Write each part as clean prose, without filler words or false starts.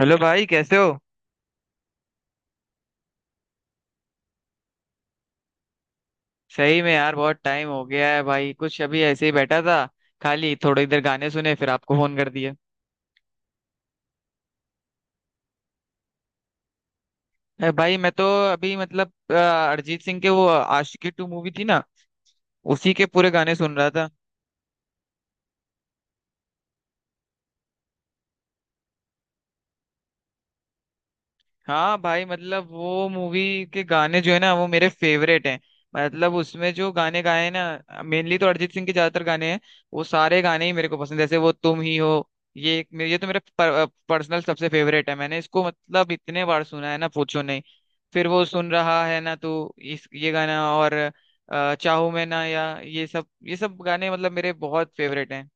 Hello भाई, कैसे हो? सही में यार, बहुत टाइम हो गया है भाई। कुछ अभी ऐसे ही बैठा था, खाली थोड़ी देर गाने सुने, फिर आपको फोन कर दिया। अरे भाई, मैं तो अभी मतलब अरिजीत सिंह के, वो आशिकी टू मूवी थी ना। उसी के पूरे गाने सुन रहा था। हाँ भाई, मतलब वो मूवी के गाने जो है ना, वो मेरे फेवरेट हैं। मतलब उसमें जो गाने गाए हैं ना, मेनली तो अरिजीत सिंह के ज्यादातर गाने हैं। वो सारे गाने ही मेरे को पसंद है, जैसे वो तुम ही हो। ये तो मेरा पर्सनल सबसे फेवरेट है, मैंने इसको मतलब इतने बार सुना है ना, पूछो नहीं। फिर वो सुन रहा है ना तू इस ये गाना, और चाहूं मैं ना, या ये सब गाने मतलब मेरे बहुत फेवरेट हैं।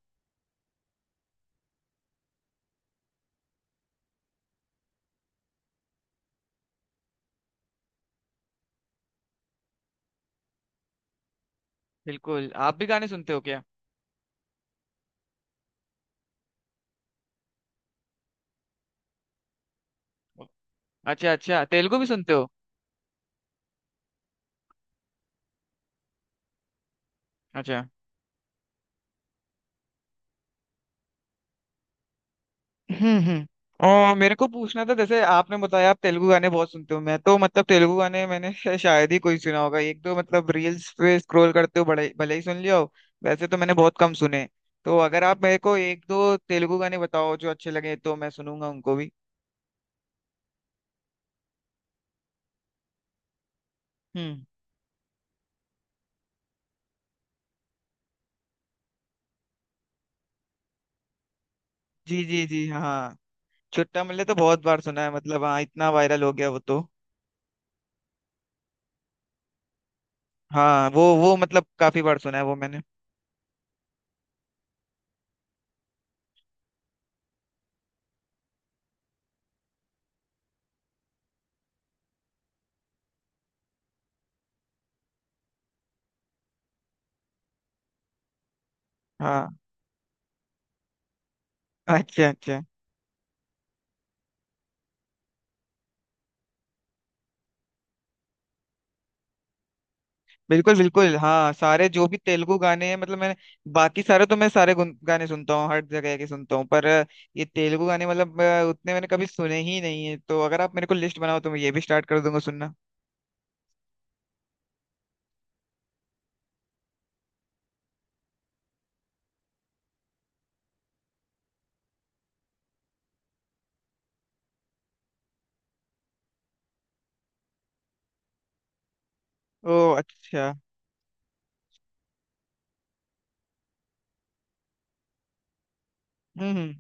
बिल्कुल। आप भी गाने सुनते हो क्या? अच्छा अच्छा, तेलुगु भी सुनते हो? अच्छा। हम्म हम्म और मेरे को पूछना था, जैसे आपने बताया आप तेलुगु गाने बहुत सुनते हो, मैं तो मतलब तेलुगु गाने मैंने शायद ही कोई सुना होगा, एक दो मतलब रील्स पे स्क्रॉल करते हो बड़े भले ही सुन लिया हो। वैसे तो मैंने बहुत कम सुने। तो अगर आप मेरे को एक दो तेलुगु गाने बताओ जो अच्छे लगे, तो मैं सुनूंगा उनको भी। हम्म। जी जी जी, हाँ। चुट्टा मल्ले तो बहुत बार सुना है मतलब, हाँ इतना वायरल हो गया वो तो। हाँ, वो मतलब काफी बार सुना है वो मैंने। हाँ, अच्छा अच्छा। बिल्कुल बिल्कुल, हाँ सारे जो भी तेलुगु गाने हैं मतलब मैंने बाकी सारे तो मैं सारे गाने सुनता हूँ, हर जगह के सुनता हूँ, पर ये तेलुगु गाने मतलब उतने मैंने कभी सुने ही नहीं है, तो अगर आप मेरे को लिस्ट बनाओ तो मैं ये भी स्टार्ट कर दूंगा सुनना। ओ अच्छा। हम्म।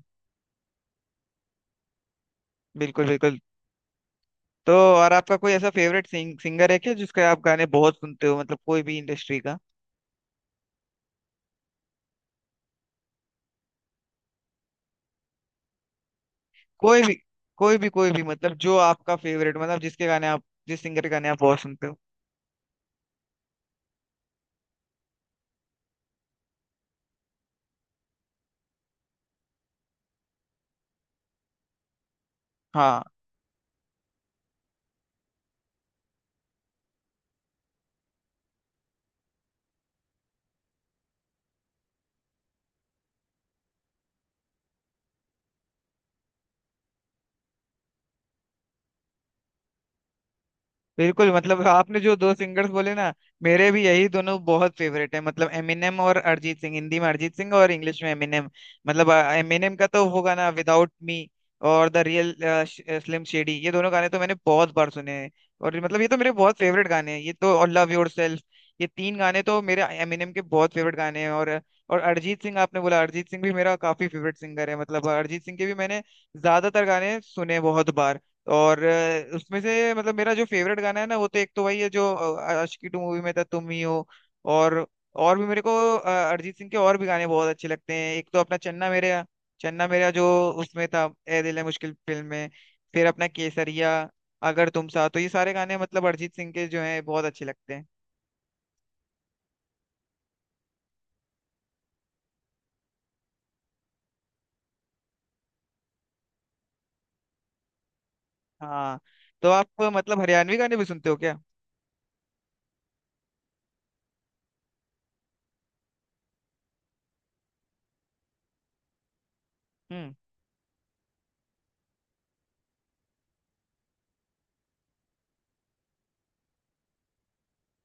बिल्कुल बिल्कुल। तो और आपका कोई ऐसा फेवरेट सिंगर है क्या, जिसके आप गाने बहुत सुनते हो, मतलब कोई भी इंडस्ट्री का? कोई भी। कोई भी कोई भी, मतलब जो आपका फेवरेट, मतलब जिस सिंगर के गाने आप बहुत सुनते हो। हाँ। बिल्कुल, मतलब आपने जो दो सिंगर्स बोले ना, मेरे भी यही दोनों बहुत फेवरेट है, मतलब एमिनेम और अरिजीत सिंह, हिंदी में अरिजीत सिंह और इंग्लिश में एमिनेम। मतलब एमिनेम का तो वो गाना विदाउट मी और द रियल स्लिम शेडी, ये दोनों गाने तो मैंने बहुत बार सुने हैं। और मतलब ये तो मेरे बहुत फेवरेट गाने हैं ये तो, और लव योरसेल्फ, ये तीन गाने तो मेरे एमिनेम के बहुत फेवरेट गाने हैं। और अरिजीत सिंह आपने बोला, अरिजीत सिंह भी मेरा काफी फेवरेट सिंगर है, मतलब अरिजीत सिंह के भी मैंने ज्यादातर गाने सुने बहुत बार। और उसमें से मतलब मेरा जो फेवरेट गाना है ना, वो तो एक तो वही है जो आशिकी टू मूवी में था, तुम ही हो। और और भी मेरे को अरिजीत सिंह के और भी गाने बहुत अच्छे लगते हैं। एक तो अपना चन्ना मेरेया, चन्ना मेरेया जो उसमें था, ए दिल है मुश्किल फिल्म में। फिर अपना केसरिया, अगर तुम साथ हो, तो ये सारे गाने मतलब अरिजीत सिंह के जो हैं बहुत अच्छे लगते हैं। हाँ, तो आप मतलब हरियाणवी गाने भी सुनते हो क्या? हम्म।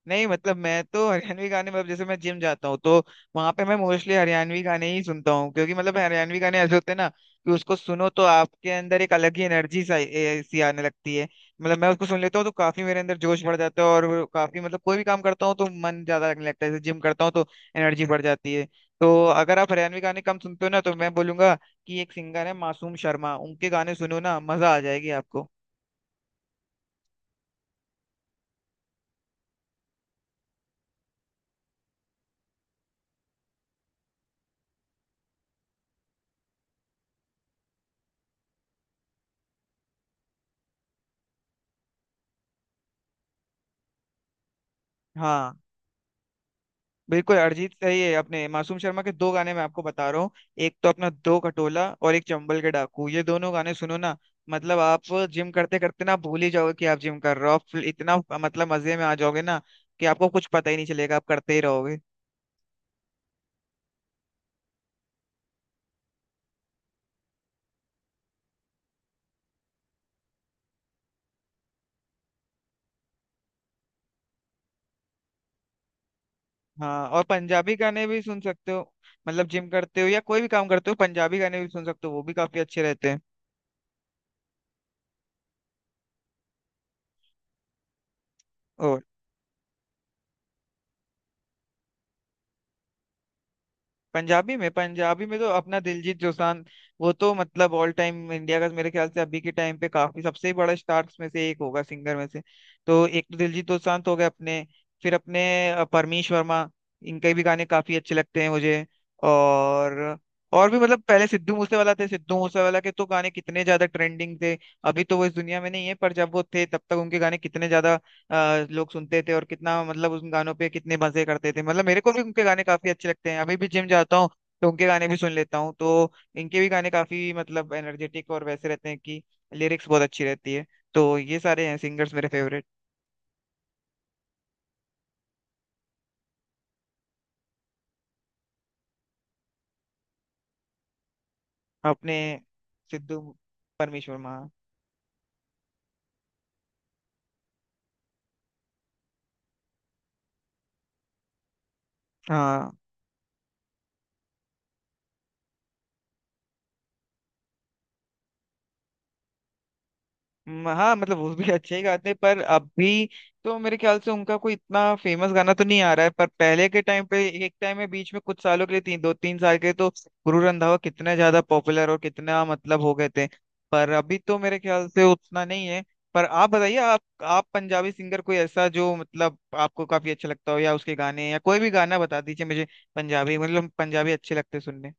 नहीं मतलब मैं तो हरियाणवी गाने, मतलब जैसे मैं जिम जाता हूँ तो वहां पे मैं मोस्टली हरियाणवी गाने ही सुनता हूँ, क्योंकि मतलब हरियाणवी गाने ऐसे होते हैं ना कि उसको सुनो तो आपके अंदर एक अलग ही एनर्जी सी आने लगती है। मतलब मैं उसको सुन लेता हूँ तो काफी मेरे अंदर जोश बढ़ जाता है, और वो काफी मतलब कोई भी काम करता हूँ तो मन ज्यादा लगने लगता है, जैसे जिम करता हूँ तो एनर्जी बढ़ जाती है। तो अगर आप हरियाणवी गाने कम सुनते हो ना, तो मैं बोलूंगा कि एक सिंगर है मासूम शर्मा, उनके गाने सुनो ना, मजा आ जाएगी आपको। हाँ बिल्कुल, अरिजीत सही है, अपने मासूम शर्मा के दो गाने मैं आपको बता रहा हूँ। एक तो अपना दो खटोला और एक चंबल के डाकू, ये दोनों गाने सुनो ना। मतलब आप जिम करते करते ना भूल ही जाओगे कि आप जिम कर रहे हो, आप इतना मतलब मजे में आ जाओगे ना, कि आपको कुछ पता ही नहीं चलेगा, आप करते ही रहोगे। हाँ, और पंजाबी गाने भी सुन सकते हो। मतलब जिम करते हो या कोई भी काम करते हो, पंजाबी गाने भी सुन सकते हो, वो भी काफी अच्छे रहते हैं। पंजाबी में तो अपना दिलजीत दोसांझ, वो तो मतलब ऑल टाइम इंडिया का मेरे ख्याल से अभी के टाइम पे काफी सबसे बड़ा स्टार्स में से एक होगा सिंगर में से। तो एक तो दिलजीत दोसांझ हो गए अपने, फिर अपने परमीश वर्मा, इनके भी गाने काफी अच्छे लगते हैं मुझे। और और भी मतलब पहले सिद्धू मूसेवाला थे, सिद्धू मूसेवाला के तो गाने कितने ज्यादा ट्रेंडिंग थे। अभी तो वो इस दुनिया में नहीं है, पर जब वो थे तब तक उनके गाने कितने ज्यादा लोग सुनते थे, और कितना मतलब उन गानों पे कितने मजे करते थे। मतलब मेरे को भी उनके गाने काफी अच्छे लगते हैं, अभी भी जिम जाता हूँ तो उनके गाने भी सुन लेता हूँ, तो इनके भी गाने काफी मतलब एनर्जेटिक और वैसे रहते हैं कि लिरिक्स बहुत अच्छी रहती है। तो ये सारे हैं सिंगर्स मेरे फेवरेट। अपने सिद्धू परमेश्वर महा, हाँ। हाँ मतलब वो भी अच्छे ही गाते हैं, पर अभी तो मेरे ख्याल से उनका कोई इतना फेमस गाना तो नहीं आ रहा है, पर पहले के टाइम पे एक टाइम में बीच में कुछ सालों के लिए, तीन दो तीन साल के तो गुरु रंधावा कितने ज्यादा पॉपुलर और कितना मतलब हो गए थे। पर अभी तो मेरे ख्याल से उतना नहीं है। पर आप बताइए, आप पंजाबी सिंगर कोई ऐसा जो मतलब आपको काफी अच्छा लगता हो, या उसके गाने या कोई भी गाना बता दीजिए मुझे, पंजाबी, मतलब पंजाबी अच्छे लगते सुनने।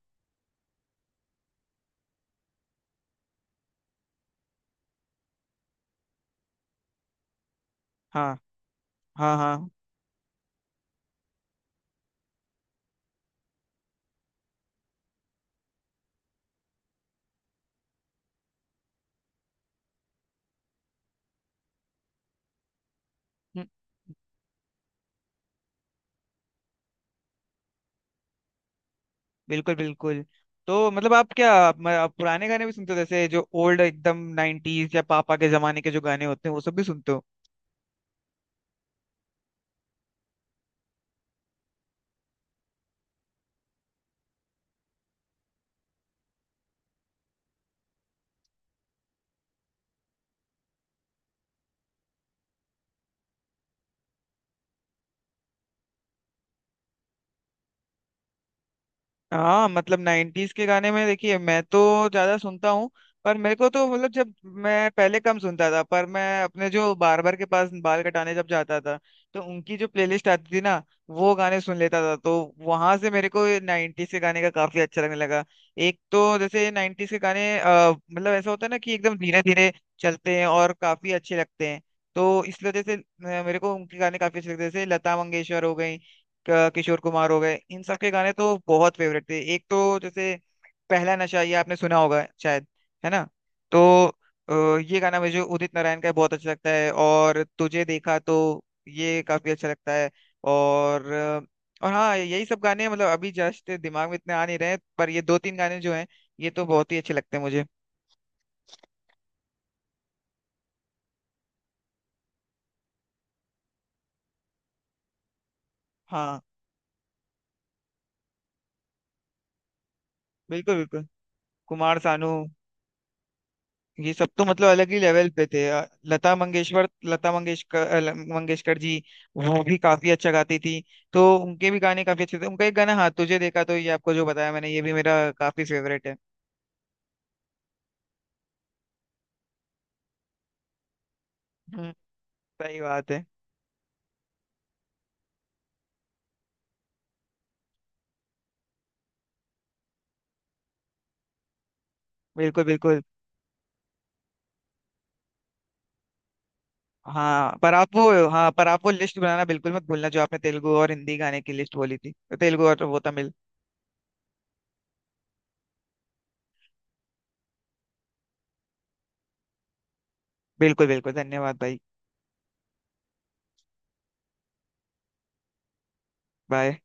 हाँ हाँ। हाँ। हम्म। बिल्कुल बिल्कुल। तो मतलब आप क्या आप, मैं- आप पुराने गाने भी सुनते हो, जैसे जो ओल्ड एकदम नाइनटीज या पापा के जमाने के जो गाने होते हैं वो सब भी सुनते हो? हाँ मतलब नाइन्टीज के गाने में देखिए, मैं तो ज्यादा सुनता हूँ। पर मेरे को तो मतलब जब मैं पहले कम सुनता था, पर मैं अपने जो बार्बर के पास बाल कटाने जब जाता था, तो उनकी जो प्लेलिस्ट आती थी ना, वो गाने सुन लेता था, तो वहां से मेरे को नाइन्टीज के गाने का काफी अच्छा लगने लगा। एक तो जैसे नाइन्टीज के गाने मतलब ऐसा होता है ना कि एकदम धीरे धीरे चलते हैं और काफी अच्छे लगते हैं। तो इस वजह से मेरे को उनके गाने काफी अच्छे लगते हैं, जैसे लता मंगेशकर हो गई, किशोर कुमार हो गए, इन सब के गाने तो बहुत फेवरेट थे। एक तो जैसे पहला नशा, ये आपने सुना होगा शायद, है ना? तो ये गाना मुझे उदित नारायण का बहुत अच्छा लगता है, और तुझे देखा तो, ये काफी अच्छा लगता है। और अ, और हाँ यही सब गाने, मतलब अभी जस्ट दिमाग में इतने आ नहीं रहे हैं, पर ये दो तीन गाने जो हैं ये तो बहुत ही अच्छे लगते हैं मुझे। हाँ बिल्कुल बिल्कुल, कुमार सानू, ये सब तो मतलब अलग ही लेवल पे थे। लता मंगेशकर लता मंगेशकर, मंगेशकर जी वो भी काफी अच्छा गाती थी, तो उनके भी गाने काफी अच्छे थे। उनका एक गाना, हाँ तुझे देखा तो, ये आपको जो बताया मैंने, ये भी मेरा काफी फेवरेट है। हम्म, सही बात है। बिल्कुल बिल्कुल। हाँ पर आप वो लिस्ट बनाना बिल्कुल मत भूलना, जो आपने तेलुगु और हिंदी गाने की लिस्ट बोली थी, तो तेलुगु और वो तमिल। बिल्कुल बिल्कुल, धन्यवाद भाई। बाय।